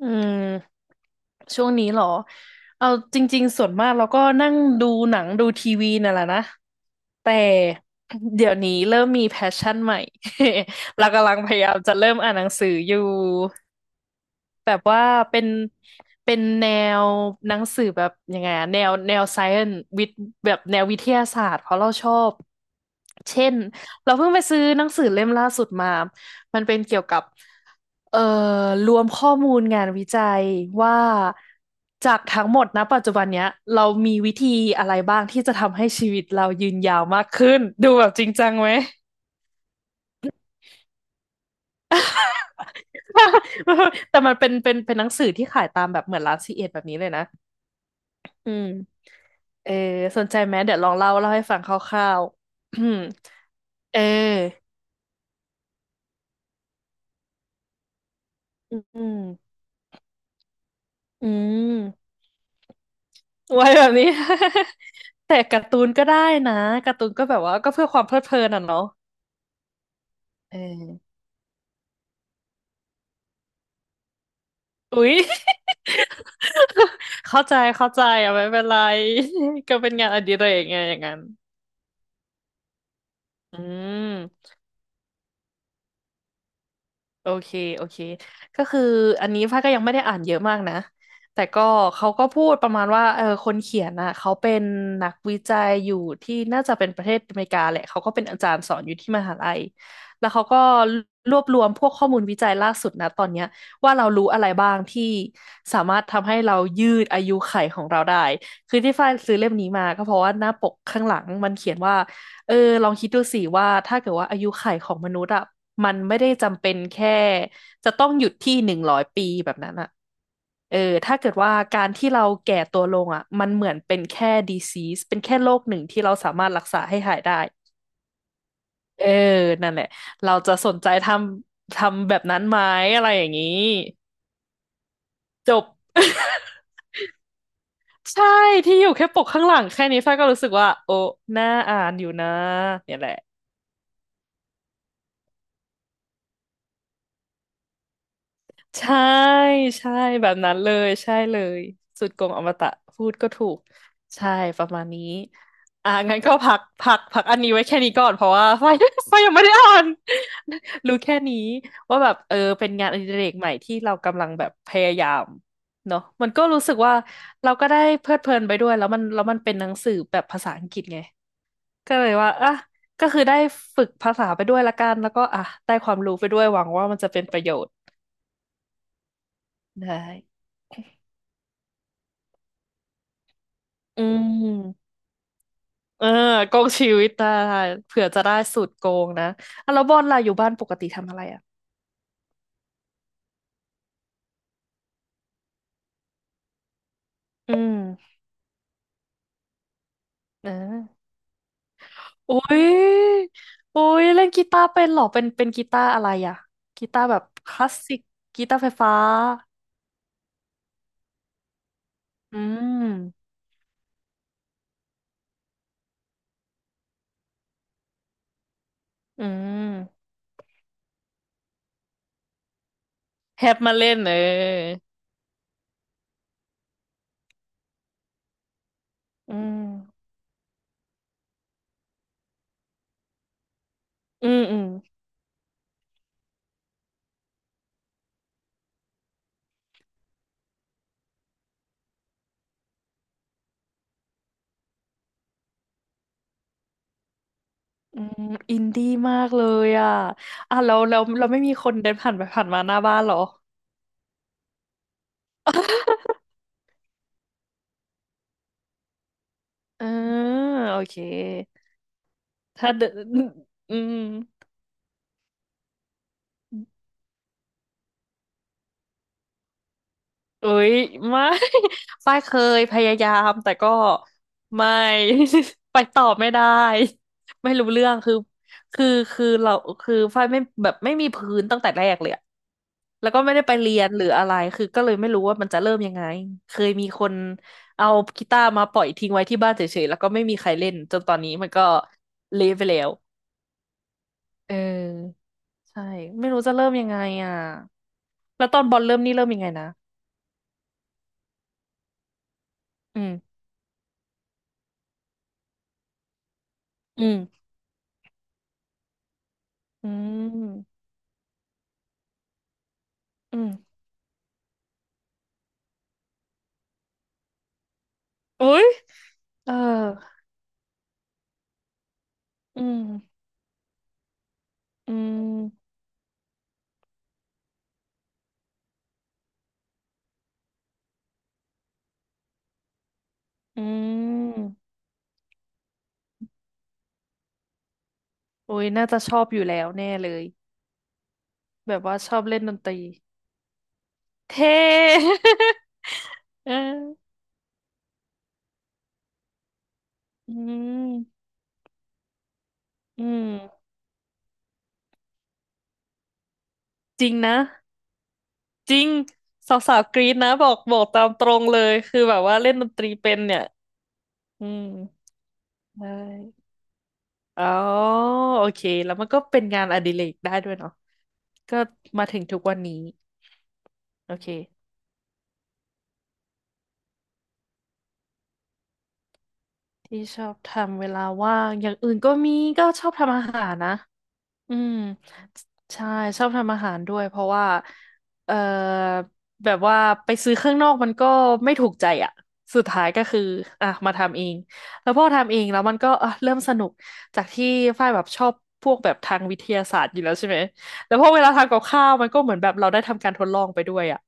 อืมช่วงนี้เหรอเอาจริงๆส่วนมากเราก็นั่งดูหนังดูทีวีนั่นแหละนะแต่ เดี๋ยวนี้เริ่มมีแพชชั่นใหม่ เรากำลังพยายามจะเริ่มอ่านหนังสืออยู่ แบบว่าเป็นเป็นแนวหนังสือแบบยังไงอะแนวไซเอนวิทแบบแนววิทยาศาสตร์เพราะเราชอบเช่นเราเพิ่งไปซื้อหนังสือเล่มล่าสุดมามันเป็นเกี่ยวกับเอ่อรวมข้อมูลงานวิจัยว่าจากทั้งหมดนะปัจจุบันเนี้ยเรามีวิธีอะไรบ้างที่จะทำให้ชีวิตเรายืนยาวมากขึ้นดูแบบจริงจังไหม แต่มันเป็นหนังสือที่ขายตามแบบเหมือนร้านซีเอ็ดแบบนี้เลยนะอืม เออสนใจไหมเดี๋ยวลองเล่าให้ฟังคร่าวๆ อืมเอออืมอืมไว้แบบนี้ แต่การ์ตูนก็ได้นะการ์ตูนก็แบบว่าก็เพื่อความเพลิดเพลินอ่ะเนาะเอออุ๊ย เข้าใจอ่ะไม่เป็นไร ก็เป็นงานอดิเรกไงอย่างนั้นอืม โอเค โอเคก็คืออันนี้ฟ้าก็ยังไม่ได้อ่านเยอะมากนะ แต่ก็เขาก็พูดประมาณว่าเออคนเขียนน่ะเขาเป็นนักวิจัยอยู่ที่น่าจะเป็นประเทศอเมริกาแหละเขาก็เป็นอาจารย์สอนอยู่ที่มหาลัยแล้วเขาก็รวบรวมพวกข้อมูลวิจัยล่าสุดนะตอนเนี้ยว่าเรารู้อะไรบ้างที่สามารถทำให้เรายืดอายุขัยของเราได้คือที่ฟ้าซื้อเล่มนี้มาก็เพราะว่าหน้าปกข้างหลังมันเขียนว่า เออลองคิดดูสิว่าถ้าเกิดว่าอายุขัยของมนุษย์อ่ะมันไม่ได้จำเป็นแค่จะต้องหยุดที่100 ปีแบบนั้นอ่ะเออถ้าเกิดว่าการที่เราแก่ตัวลงอ่ะมันเหมือนเป็นแค่ disease เป็นแค่โรคหนึ่งที่เราสามารถรักษาให้หายได้เออนั่นแหละเราจะสนใจทำแบบนั้นไหมอะไรอย่างนี้จบ ใช่ที่อยู่แค่ปกข้างหลังแค่นี้ฝ้ายก็รู้สึกว่าโอ้น่าอ่านอยู่นะเนี่ยแหละ ใช่ใช่แบบนั้นเลยใช่เลยสุดโกงอมตะพูดก็ถูกใช่ประมาณนี้อ่ะงั้นก็พักพักพักอันนี้ไว้แค่นี้ก่อนเพราะว่า ไฟยังไม่ได้อ่าน รู้แค่นี้ว่าแบบเออเป็นงานอดิเรกใหม่ที่เรากำลังแบบพยายามเนาะมันก็รู้สึกว่าเราก็ได้เพลิดเพลินไปด้วยแล้วมันเป็นหนังสือแบบภาษาอังกฤษไงก็เลยว่าอ่ะก็คือได้ฝึกภาษาไปด้วยละกันแล้วก็อ่ะได้ความรู้ไปด้วยหวังว่ามันจะเป็นประโยชน์ได้ อืมเออโกงชีวิตได้เผื่อจะได้สูตรโกงนะอ่ะแล้วบอลล่ะอยู่บ้านปกติทำอะไรอ่ะอืมเอออุ้ยอุ้ยเล่นกีตาร์เป็นเหรอเป็นกีตาร์อะไรอ่ะกีตาร์แบบคลาสสิกกีตาร์ไฟฟ้าอืมอืมแฮปมาเล่นเอออืมอืมอืมอืมอินดี้มากเลยอ่ะอ่ะเราไม่มีคนเดินผ่านไปผ่านมาหน้าบ้านเหรอเออโอเค ถ้าเดินอืมเอ้ยไม่ ฝ้ายเคยพยายามแต่ก็ไม่ ไปต่อไม่ได้ไม่รู้เรื่องคือคือคือฝ้ายไม่แบบไม่มีพื้นตั้งแต่แรกเลยอะแล้วก็ไม่ได้ไปเรียนหรืออะไรคือก็เลยไม่รู้ว่ามันจะเริ่มยังไงเคยมีคนเอากีตาร์มาปล่อยทิ้งไว้ที่บ้านเฉยๆแล้วก็ไม่มีใครเล่นจนตอนนี้มันก็เละไปแล้วเออใช่ไม่รู้จะเริ่มยังไงอ่ะแล้วตอนบอลเริ่มนี่เริ่มยังไงนะอืม อืมอืม อืมอุ๊ยเอออืมอืมอืมอุ๊ยน่าจะชอบอยู่แล้วแน่เลยแบบว่าชอบเล่นดนตรีเท่ เอออืมอืมจริงนะจริงสาวๆกรี๊ดนะบอกตามตรงเลยคือแบบว่าเล่นดนตรีเป็นเนี่ยอืมได้อ๋อโอเคแล้วมันก็เป็นงานอดิเรกได้ด้วยเนาะก็มาถึงทุกวันนี้ โอเค ที่ชอบทำเวลาว่างอย่างอื่นก็มีก็ชอบทำอาหารนะ อืมใช่ชอบทำอาหารด้วยเพราะว่าเอ่อแบบว่าไปซื้อข้างนอกมันก็ไม่ถูกใจอ่ะสุดท้ายก็คืออ่ะมาทำเองแล้วพอทำเองแล้วมันก็อ่ะเริ่มสนุกจากที่ฝ้ายแบบชอบพวกแบบทางวิทยาศาสตร์อยู่แล้วใช่ไหมแล้วพอเวลาทำกับข้าวมันก็เหมือนแบบเราได้ทำการทดลองไปด้วยอ่ะ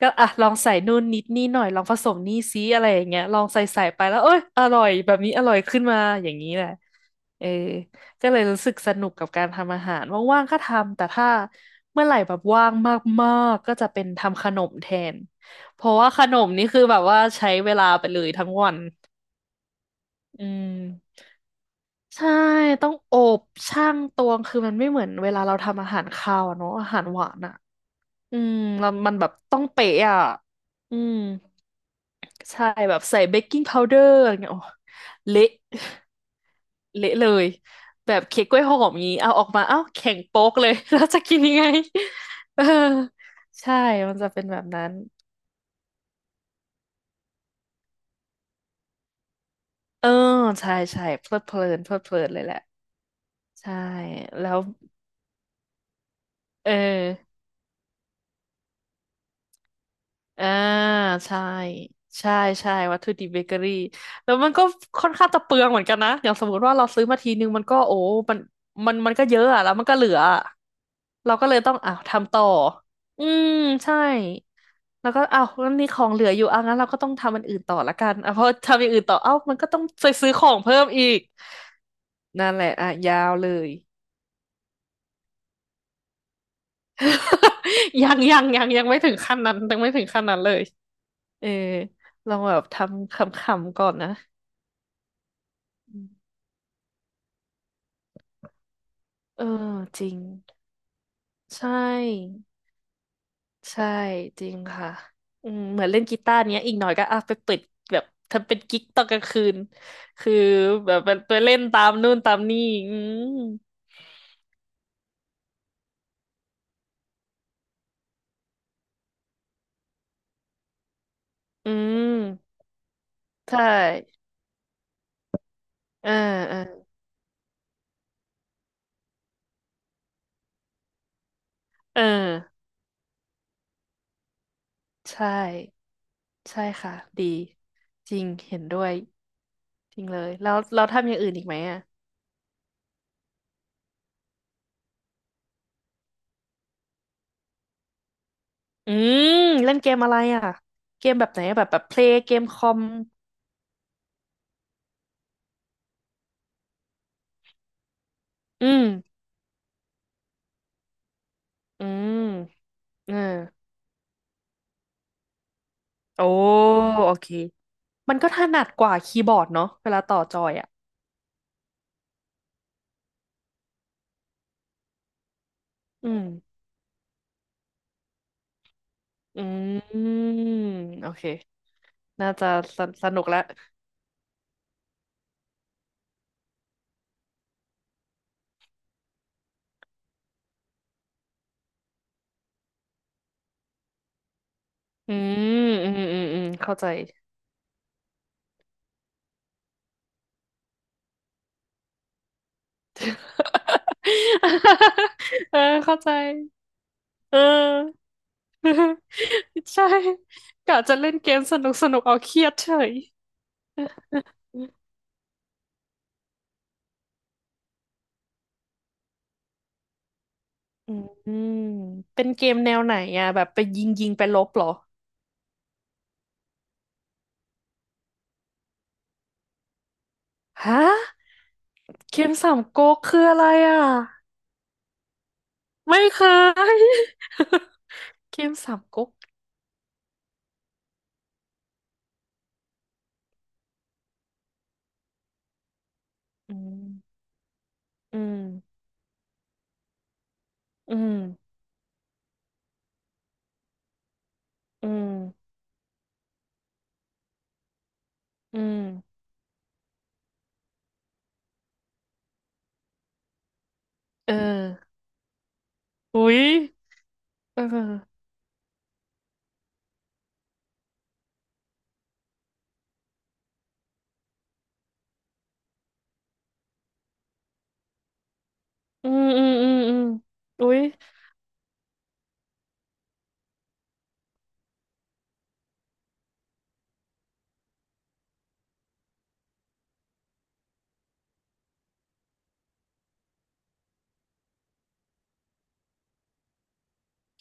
ก็อ่ะลองใส่นู่นนิดนี่หน่อยลองผสมนี่ซิอะไรอย่างเงี้ยลองใส่ไปแล้วเอ้ยอร่อยแบบนี้อร่อยขึ้นมาอย่างนี้แหละเออ ก็เลยรู้สึกสนุกกับการทำอาหารว่างๆก็ทำแต่ถ้าเมื่อไหร่แบบว่างมากๆก็จะเป็นทำขนมแทนเพราะว่าขนมนี่คือแบบว่าใช้เวลาไปเลยทั้งวันอืมใช่ต้องอบช่างตวงคือมันไม่เหมือนเวลาเราทำอาหารคาวอะเนาะอาหารหวานอะอืมแล้วมันแบบต้องเป๊ะอะอืมใช่แบบใส่เบกกิ้งพาวเดอร์อะไรเงี้ยโอ้เละ เละเลยแบบเค้กกล้วยหอมงี้เอาออกมาเอ้าแข็งโป๊กเลย แล้วจะกินยังไง เออใช่มันจะเป็นแบบนั้นเออใช่ใช่เพลิดเพลินเพลิดเพลินเลยแหละใช่แล้วเอออ่าใช่ใช่ใช่วัตถุดิบเบเกอรี่แล้วมันก็ค่อนข้างจะเปลืองเหมือนกันนะอย่างสมมติว่าเราซื้อมาทีนึงมันก็โอ้มันมันก็เยอะอะแล้วมันก็เหลืออะเราก็เลยต้องอ้าวทำต่ออืมใช่ แล้วก็เอ้างั้นมีของเหลืออยู่เอางั้นเราก็ต้องทำอันอื่นต่อละกันอ่ะเพราะทำอย่างอื่นต่อเอ้ามันก็ต้องไปซื้อของเพิ่มอีกนั่นแหละอ่ะยาวเลย ยังไม่ถึงขั้นนั้นยังไม่ถึงขั้นนั้นเลยเออลองแบบทำขำๆก่อนนะอืมเออจริงใช่ใช่จริงค่ะอืมเหมือนเล่นกีตาร์เนี้ยอีกหน่อยก็อ่ะไปเปิดแบบทำเป็นกิ๊กตอนกลางคืนคือแบบไปเล่นตามนู่นตามนี่อืมอืม ใช่เออเออเออใช่ ใช่ค่ะ ดี จริง เห็นด้วย จริงเลย แล้วเราทำอย่างอื่นอีกไหมอ่ะอืม เล่นเกมอะไรอ่ะเกมแบบไหนอะแบบเพลย์เกมคอมอืม อืมเออโอ้โอเค มันก็ถนัดกว่าคีย์บอร์ดเนาะเวลาต่อจอยอ่ะอืม อืมโอเคน่าจะสสนุกและอืมอืม อืม อืม เข้าใจ เออเข้าใจเออ ใช่กะจะเล่นเกมสนุกสนุกเอาเครียดเฉยอืมเป็นเกมแนวไหนอ่ะแบบไปยิงยิงไปลบเหรอฮะเกมสามก๊กคืออะไรอ่ะไม่เคย เกมสามก๊กอืมอืมอืมอืมอืมเอออุ๊ยเอออืมอืมอืมอืมอุ๊ย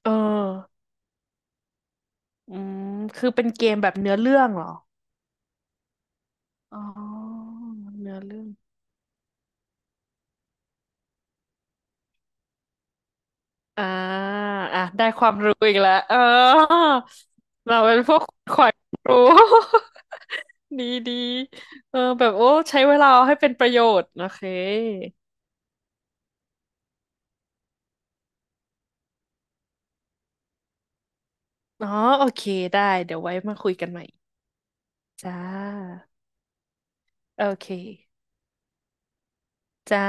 เออ อืมคือเป็นเกมแบบเนื้อเรื่องเหรออ๋อเนื้อเรื่องอ่าอ่ะได้ความรู้อีกแล้วเออเราเป็นพวกขวัญรู้ ดีดีเออแบบโอ้ใช้เวลาให้เป็นประโยชน์โอเคอ๋อโอเคได้เดี๋ยวไว้มาคุยกันใหม่จ้าโอเคจ้า